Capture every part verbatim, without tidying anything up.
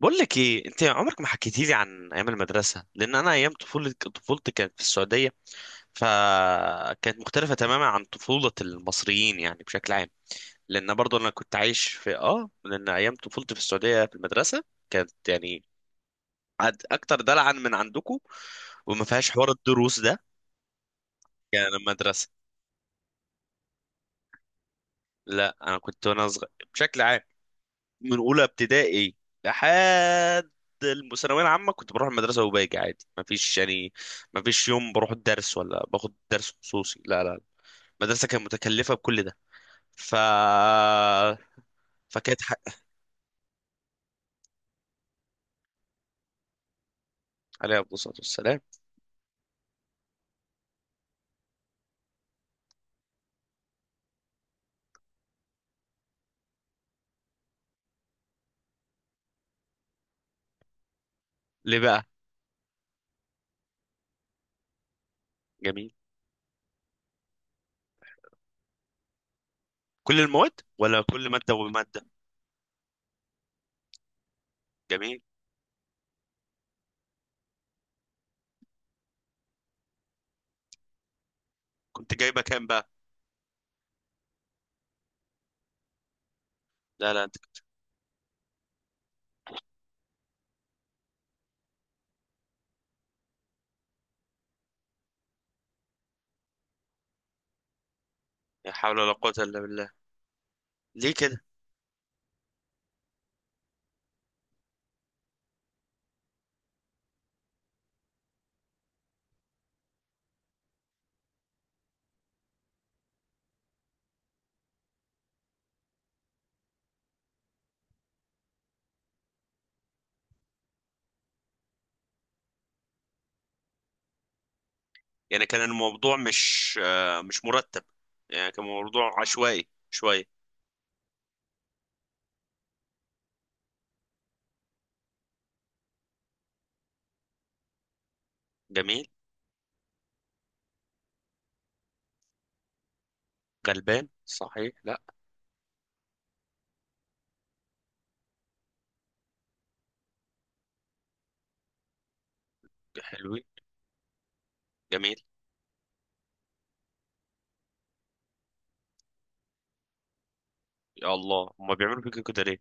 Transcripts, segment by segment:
بقول لك ايه، انت عمرك ما حكيتي لي عن ايام المدرسه. لان انا ايام طفولتي طفولتي كانت في السعوديه، فكانت مختلفه تماما عن طفوله المصريين يعني بشكل عام. لان برضو انا كنت عايش في اه لان ايام طفولتي في السعوديه في المدرسه كانت يعني عد- اكتر دلعا من عندكم، وما فيهاش حوار الدروس ده. يعني المدرسه، لا انا كنت وانا صغير بشكل عام من اولى ابتدائي لحد الثانويه العامه كنت بروح المدرسه وباجي عادي، ما فيش يعني ما فيش يوم بروح الدرس ولا باخد درس خصوصي. لا لا، المدرسه كانت متكلفه بكل ده. ف فكانت حق. عليه افضل الصلاه والسلام. ليه بقى؟ جميل. كل المواد ولا كل ماده وماده؟ جميل. كنت جايبه كام بقى؟ لا لا انت. لا حول ولا قوه الا بالله. ليه كده؟ يعني كان الموضوع مش آه، مش مرتب، يعني كان موضوع عشوائي شويه. جميل. غلبان صحيح، لا. حلوين. جميل. يا الله، هما بيعملوا فيك كده ليه؟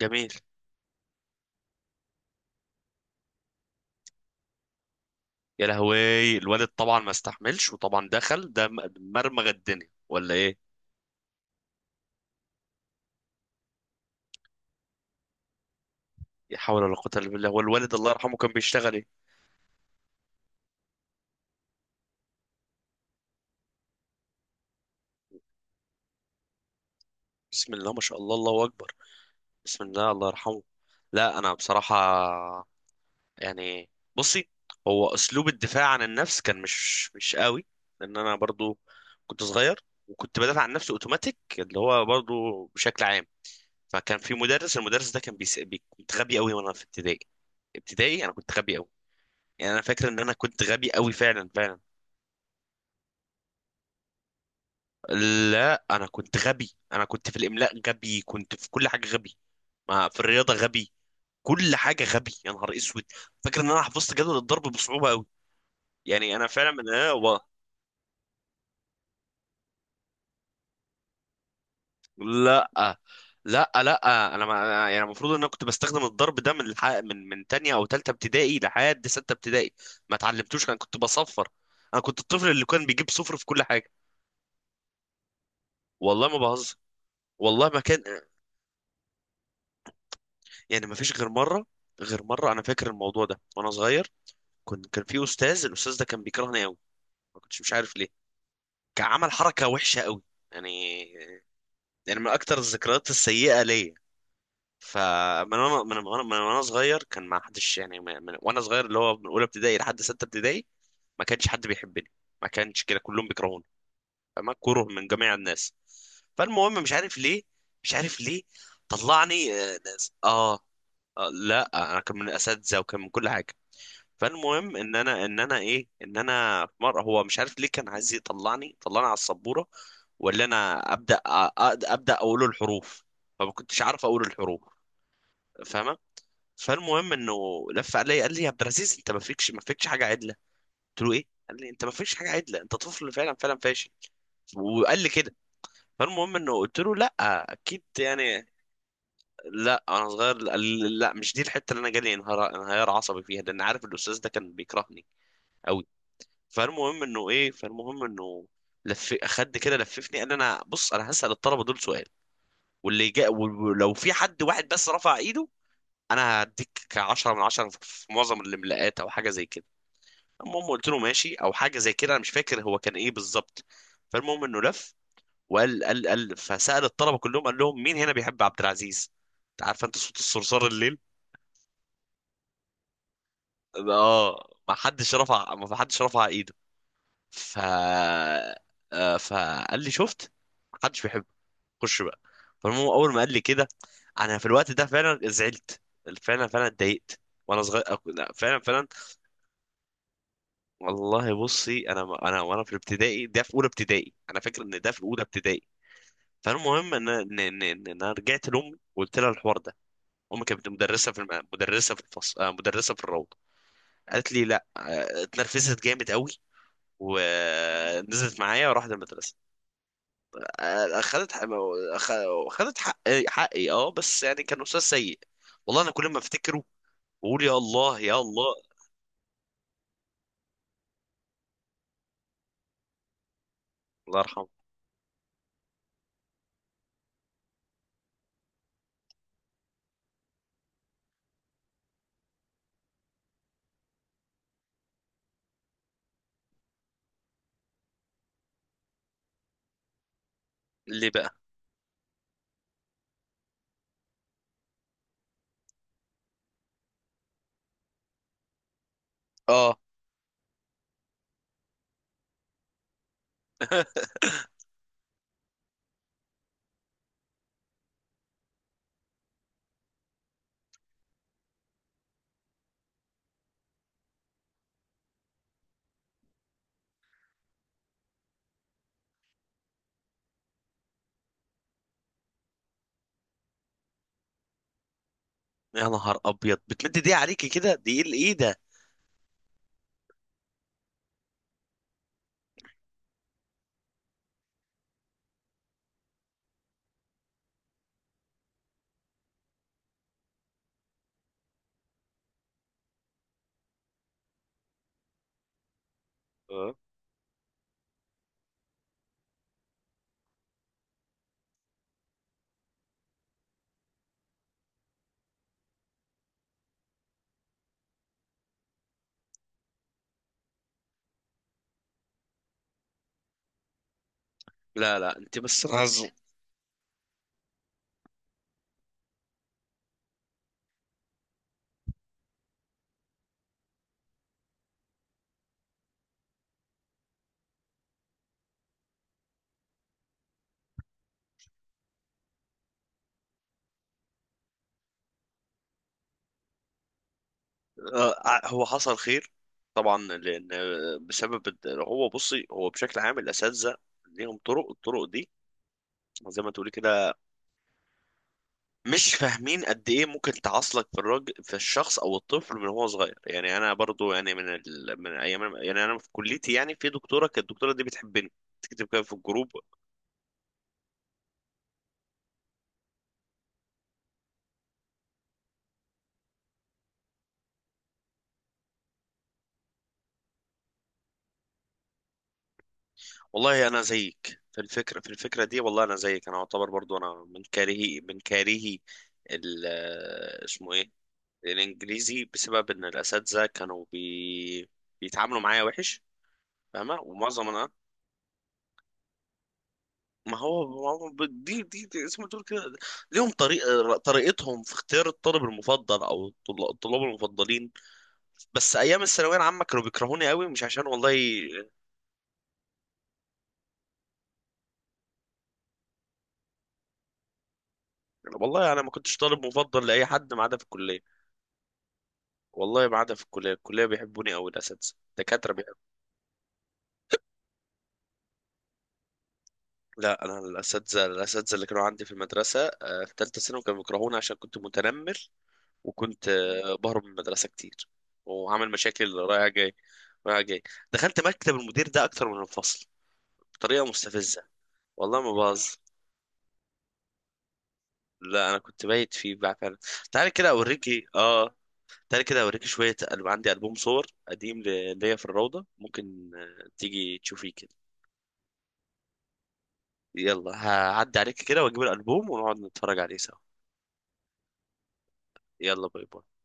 جميل. يا لهوي، الولد طبعا ما استحملش وطبعا دخل ده م- مرمغ الدنيا ولا ايه؟ لا حول ولا قوة الا بالله. والوالد الله يرحمه كان بيشتغل ايه؟ بسم الله ما شاء الله، الله اكبر. بسم الله، الله يرحمه. لا انا بصراحة، يعني، بصي، هو اسلوب الدفاع عن النفس كان مش مش قوي. لان انا برضو كنت صغير وكنت بدافع عن نفسي اوتوماتيك اللي هو برضو بشكل عام. فكان في مدرس، المدرس ده كان بيس... بي... كنت غبي قوي وانا في ابتدائي. ابتدائي انا كنت غبي قوي. يعني انا فاكر ان انا كنت غبي قوي فعلا فعلا. لا، انا كنت غبي، انا كنت في الاملاء غبي، كنت في كل حاجه غبي، ما في الرياضه غبي، كل حاجه غبي. يا نهار اسود، فاكر ان انا حفظت جدول الضرب بصعوبه قوي. يعني انا فعلا من آه، والله. لا لا لا، انا ما يعني المفروض ان انا كنت بستخدم الضرب ده من الح... من من تانية او تالتة ابتدائي لحد ستة ابتدائي. ما اتعلمتوش، انا كنت بصفر. انا كنت الطفل اللي كان بيجيب صفر في كل حاجة. والله ما بهزر، والله ما كان. يعني ما فيش غير مرة. غير مرة انا فاكر الموضوع ده وانا صغير. كنت كان في استاذ، الاستاذ ده كان بيكرهني قوي، ما كنتش مش عارف ليه. كان عمل حركة وحشة قوي، يعني، يعني من اكتر الذكريات السيئة ليا. فمن وانا من وانا من وانا صغير كان ما حدش يعني ما- من وانا صغير اللي هو من اولى ابتدائي لحد سته ابتدائي ما كانش حد بيحبني، ما كانش كده كلهم بيكرهوني، فما كره من جميع الناس. فالمهم مش عارف ليه، مش عارف ليه. طلعني آه ناس. آه, اه لا، انا كان من اساتذه وكان من كل حاجه. فالمهم ان انا ان انا ايه ان انا في مره هو مش عارف ليه كان عايز يطلعني، طلعني على السبوره ولا انا ابدا أ- أ- ابدا اقول الحروف، فما كنتش عارف اقول الحروف، فاهمه؟ فالمهم انه لف عليا قال لي يا عبد العزيز، انت ما فيكش ما فيكش حاجه عدله. قلت له ايه؟ قال لي انت ما فيكش حاجه عدله، انت طفل فعلا فعلا فاشل، وقال لي كده. فالمهم انه قلت له لا، اكيد يعني. لا انا صغير قال لي. لا، مش دي الحته اللي انا جالي انهيار انهيار عصبي فيها، لان عارف الاستاذ ده كان بيكرهني قوي. فالمهم انه ايه، فالمهم انه لف خد كده لففني قال لي: انا بص، انا هسال الطلبه دول سؤال، واللي جاء ولو في حد واحد بس رفع ايده انا هديك عشرة من عشرة في معظم الاملاءات او حاجه زي كده. المهم قلت له ماشي، او حاجه زي كده، انا مش فاكر هو كان ايه بالظبط. فالمهم انه لف وقال، قال قال فسأل الطلبه كلهم قال لهم مين هنا بيحب عبد العزيز؟ انت عارف انت صوت الصرصار الليل. اه، ما حدش رفع ما حدش رفع ايده. ف آه، فقال لي: شفت؟ ما حدش بيحبه، خش بقى. فالمهم اول ما قال لي كده انا في الوقت ده فعلا زعلت، فعلا فعلا اتضايقت. وانا صغير أك- لا، فعلا فعلا. والله بصي انا، انا وانا في الابتدائي ده في اولى ابتدائي، انا فاكر ان ده في اولى ابتدائي. فالمهم ان ان ان إن انا رجعت لامي وقلت لها الحوار ده. امي كانت مدرسه في الم... مدرسه في الفصل آه، مدرسه في الروضه. قالت لي لا، آه، اتنرفزت جامد قوي ونزلت معايا وراحت المدرسه. آه، اخذت حق... أخ- اخذت حق... حقي. اه بس يعني كان استاذ سيء. والله انا كل ما افتكره بقول: يا الله يا الله. الله يرحمه. ليه بقى؟ اه يا نهار ابيض، بتمد دي عليكي كده؟ دي ايه، ايه ده؟ اه، لا لا انت بس عزل. آه، ع- هو حصل خير طبعا، لان آه، بسبب الد- هو بصي هو بشكل عام الاساتذه ليهم طرق، الطرق دي زي ما تقولي كده، مش فاهمين قد ايه ممكن تعاصلك في الراجل، في الشخص او الطفل من هو صغير. يعني انا برضو يعني من ال... من ايام، يعني انا في كليتي يعني في دكتوره كانت الدكتوره دي بتحبني، تكتب كده في الجروب. والله انا زيك في الفكره، في الفكره دي، والله انا زيك، انا اعتبر برضو انا من كارهي من كارهي ال آه، اسمه ايه، الانجليزي، بسبب ان الاساتذه كانوا بي بيتعاملوا معايا وحش، فاهمه؟ ومعظم انا، ما هو ما هو ب- دي دي دي زي ما تقول كده، ليهم طريقه، طريقتهم في اختيار الطالب المفضل او الطل- الطلاب المفضلين. بس ايام الثانويه العامه كانوا بيكرهوني قوي، مش عشان والله. والله انا ما كنتش طالب مفضل لاي حد ما عدا في الكليه. والله ما عدا في الكلية، الكلية بيحبوني أوي، الأساتذة الدكاترة بيحبوني. لا، أنا الأساتذة الأساتذة اللي كانوا عندي في المدرسة آه، في تالتة ثانوي كانوا بيكرهوني عشان كنت متنمر وكنت آه، بهرب من المدرسة كتير، وعامل مشاكل رايح جاي رايح جاي، دخلت مكتب المدير ده أكتر من الفصل بطريقة مستفزة، والله ما باظ. لا أنا كنت بايت فيه بقى فعلا. تعالى كده أوريكي آه، تعالى كده أوريكي شوية ألب- عندي ألبوم صور قديم ل- ليا في الروضة. ممكن آه، تيجي تشوفيه كده؟ يلا هعدي عليك كده واجيب الالبوم ونقعد نتفرج عليه سوا. يلا باي باي.